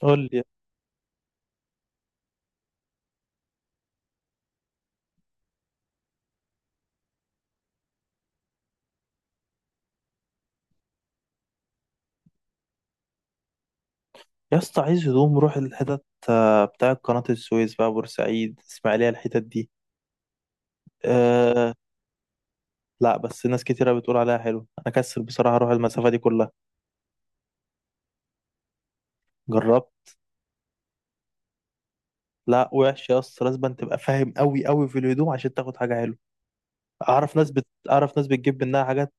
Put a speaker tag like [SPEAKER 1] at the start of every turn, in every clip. [SPEAKER 1] قول لي. يا اسطى عايز هدوم، روح الحتت بتاع قناة السويس، بقى بورسعيد، اسماعيلية، الحتت دي. أه. لا، بس ناس كتيرة بتقول عليها حلو، انا كسل بصراحة اروح المسافة دي كلها. جربت. لا، وحش يا اسطى، لازم تبقى فاهم قوي قوي في الهدوم عشان تاخد حاجة حلوة. اعرف ناس بتجيب منها حاجات.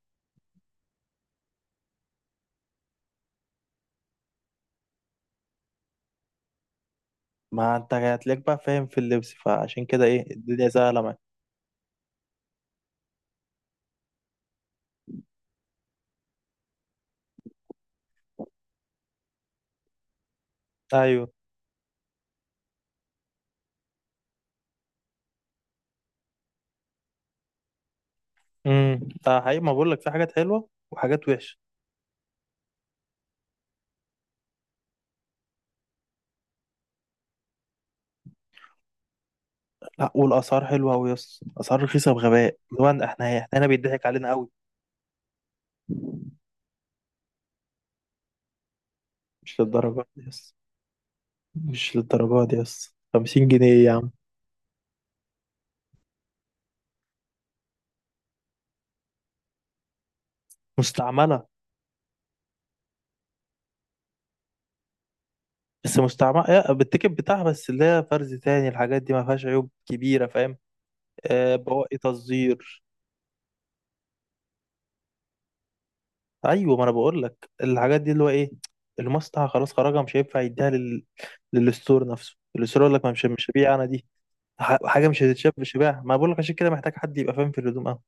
[SPEAKER 1] ما انت هتلاقيك بقى فاهم في اللبس، فعشان كده ايه، الدنيا سهلة معاك. ايوه. امم ده حقيقي، ما بقول لك في حاجات حلوة وحاجات وحشة. لا، والاسعار حلوة قوي يا اسطى، اسعار رخيصة بغباء، اللي هو احنا هنا بيضحك علينا قوي. مش للدرجة دي يس. مش للدرجة دي يس، 50 جنيه يا عم؟ مستعملة. بس مستعملة إيه، بالتيكت بتاعها، بس اللي هي فرز تاني، الحاجات دي ما فيهاش عيوب كبيرة، فاهم. آه، بواقي تصدير. أيوة، ما أنا بقول لك الحاجات دي اللي هو إيه، المصنع خلاص خرجها، مش هينفع يديها للستور نفسه. الستور يقول لك ما مش هبيع أنا دي. حاجة مش هتتشاف، مش هبيعها. ما بقول لك عشان كده محتاج حد يبقى فاهم في الهدوم أوي.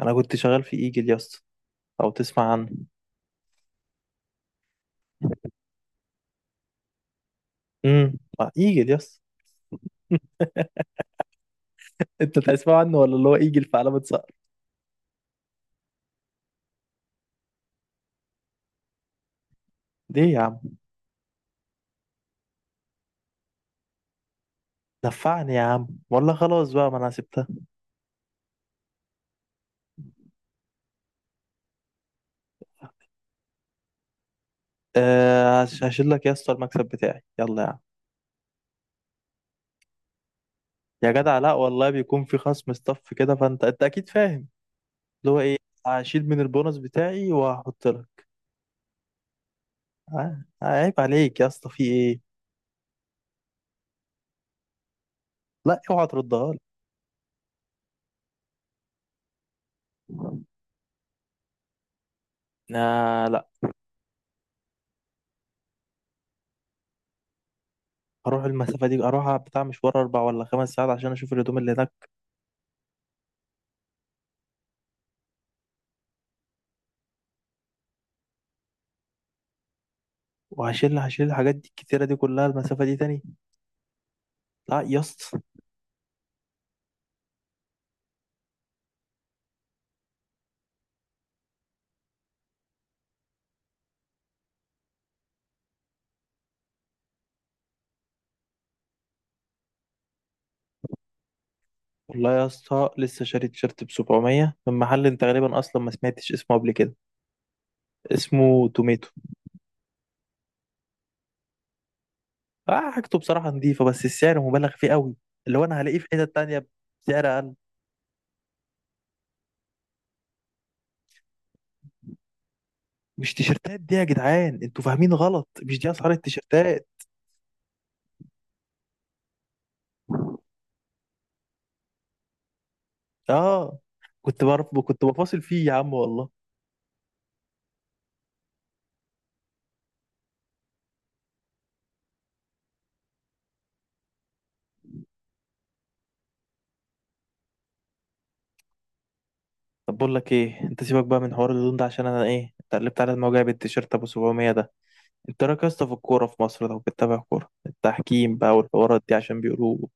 [SPEAKER 1] أنا كنت شغال في إيجل يس، أو تسمع عنه؟ امم إيجل يس. انت تسمع عنه، ولا اللي هو ايجل في علامة؟ ليه يا عم؟ نفعني يا عم والله، خلاص بقى، ما انا سبتها. أه، هشيل لك يا اسطى المكسب بتاعي، يلا يا عم. يا جدع، لا والله، بيكون في خصم ستاف كده، فانت اكيد فاهم. اللي هو ايه، هشيل من البونص بتاعي وهحط لك. عيب عليك يا اسطى، في ايه؟ لا اوعى تردها لي. لا. هروح المسافه دي، اروح بتاع مشوار اربع ولا خمس ساعات عشان اشوف الهدوم اللي هناك؟ وهشيل الحاجات دي الكتيره دي كلها المسافه دي تاني؟ لا يا اسطى. والله يا اسطى، لسه شاري تيشيرت ب 700 من محل انت غالبا اصلا ما سمعتش اسمه قبل كده، اسمه توميتو. اه، حاجته بصراحه نظيفه، بس السعر مبالغ فيه قوي، اللي هو انا هلاقيه في حته تانية بسعر اقل. مش تيشيرتات دي يا جدعان، انتوا فاهمين غلط، مش دي اسعار التيشيرتات. اه، كنت بعرف، كنت بفاصل فيه يا عم والله. طب بقول لك ايه، انت سيبك بقى من حوار اللون ده، عشان انا ايه اتقلبت على الموضوع بالتيشيرت ابو 700 ده. انت إيه رايك يا اسطى في الكوره في مصر؟ لو بتتابع كوره، التحكيم بقى والحوارات دي، عشان بيقولوا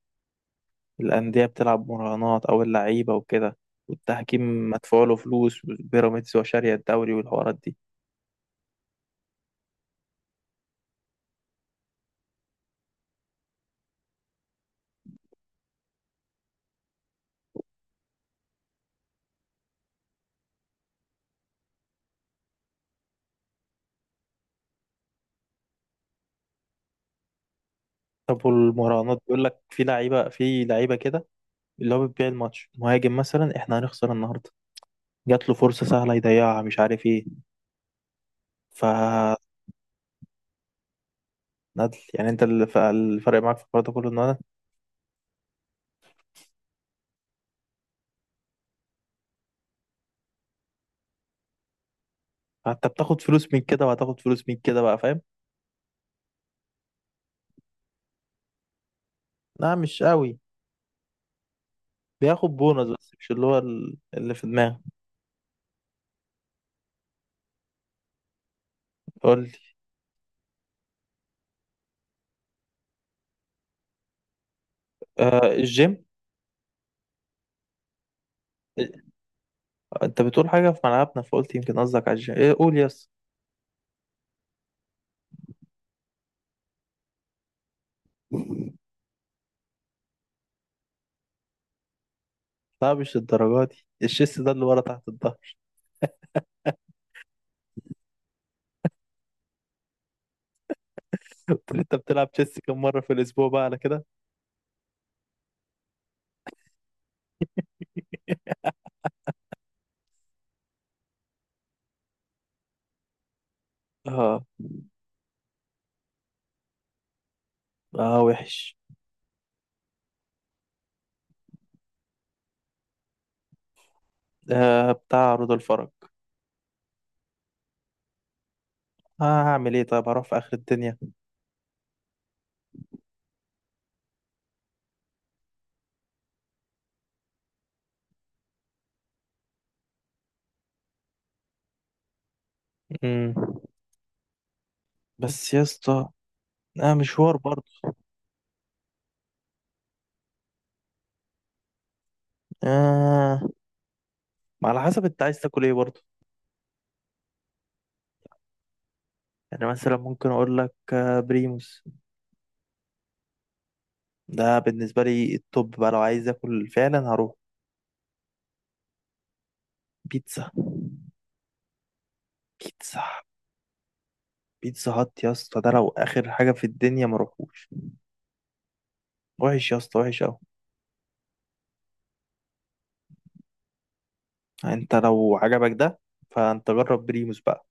[SPEAKER 1] الأندية بتلعب مراهنات أو اللعيبة وكده، والتحكيم مدفوع له فلوس، وبيراميدز وشارية الدوري والحوارات دي. طب والمراهنات، بيقول لك في لعيبة، كده اللي هو بتبيع الماتش، مهاجم مثلا احنا هنخسر النهاردة، جات له فرصة سهلة يضيعها، مش عارف ايه، ف... ندل يعني. انت الفرق معاك في الحوار ده كله ان انا، انت بتاخد فلوس من كده وهتاخد فلوس من كده، بقى فاهم. لا مش قوي. بياخد بونص بس، مش اللي هو اللي في دماغك. قول لي. آه، الجيم. انت بتقول حاجة في ملعبنا، فقلت يمكن قصدك على ايه، قول يس. لا، مش الدرجة دي، الشيس ده اللي ورا تحت الظهر. قلت له انت بتلعب تشيس كم مرة في الأسبوع بقى على كده. اه اه، وحش. آه، بتاع عروض الفرج. آه، هعمل ايه طيب، هروح في آخر الدنيا؟ مم. بس يا اسطى، آه، مشوار برضه. آه، ما على حسب انت عايز تاكل ايه برضه. يعني مثلا ممكن اقول لك آه بريموس، ده بالنسبة لي التوب بقى لو عايز اكل فعلا هروح. بيتزا. بيتزا بيتزا هات يا اسطى، ده لو اخر حاجه في الدنيا ما روحوش. وحش يا اسطى، وحش قوي. انت لو عجبك ده، فانت جرب بريموس بقى.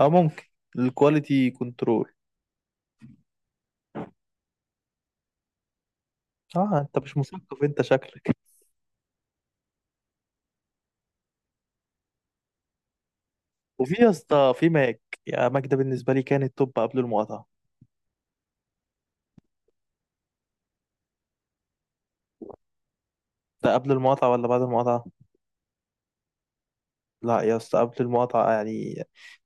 [SPEAKER 1] اه ممكن، الكواليتي كنترول. اه، انت مش مثقف انت شكلك. وفي يا اسطى في ماك، يا ماك ده بالنسبه لي كان التوب قبل المقاطعه. ده قبل المقاطعه ولا بعد المقاطعه؟ لا يا اسطى، قبل المقاطعه يعني.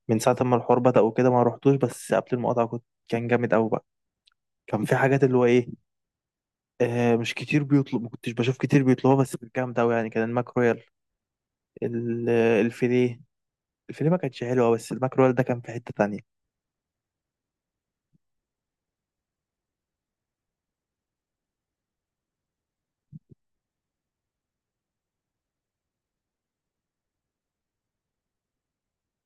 [SPEAKER 1] من ساعه ما الحوار بدأ وكده ما روحتوش، بس قبل المقاطعه كان جامد قوي بقى. كان في حاجات اللي هو ايه، مش كتير بيطلب، ما كنتش بشوف كتير بيطلبوها، بس كانت جامده قوي يعني. كان الماك رويال، ال- الفيليه الفيليه ما كانتش حلوه، بس الماكرول ده كان في حته تانية.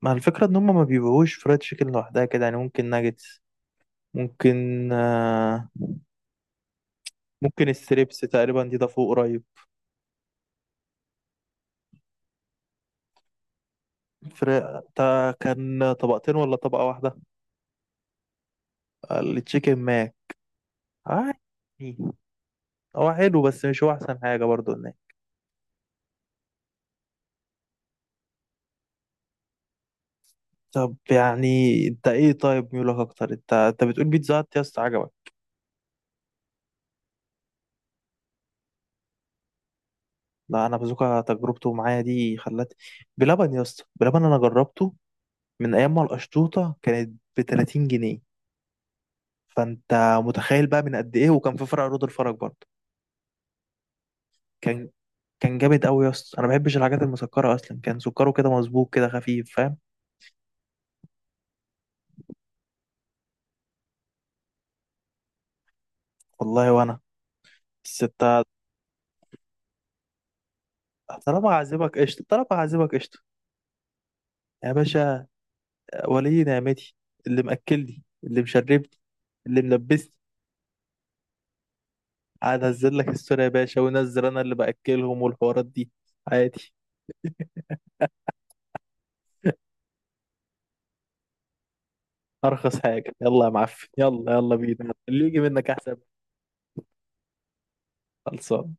[SPEAKER 1] مع الفكره ان هم ما بيبيعوش فرايد تشيكن لوحدها كده يعني. ممكن ناجتس، ممكن ممكن الستريبس تقريبا دي، ده فوق قريب. فرق ده كان طبقتين ولا طبقه واحده؟ التشيكن ماك. آه، يعني هو حلو بس مش هو احسن حاجه برضو هناك. طب يعني انت ايه طيب، ميولك اكتر، انت بتقول بيتزا هات يا اسطى عجبك. لا، انا بازوكا تجربته معايا دي خلت. بلبن يا اسطى، بلبن انا جربته من ايام ما القشطوطه كانت ب 30 جنيه، فانت متخيل بقى من قد ايه، وكان في فرع رود الفرج برضه. كان كان جامد قوي يا اسطى، انا ما بحبش الحاجات المسكره اصلا، كان سكره كده مظبوط كده خفيف، فاهم. والله وانا، بس انت. طالما هعزمك قشطه يا باشا، ولي نعمتي، اللي مأكلني اللي مشربني اللي ملبسني، قاعد انزل لك الصوره يا باشا، وانزل انا اللي باكلهم والحوارات دي. عادي. ارخص حاجه، يلا يا معفن، يلا يلا بينا، اللي يجي منك احسن. خلصان.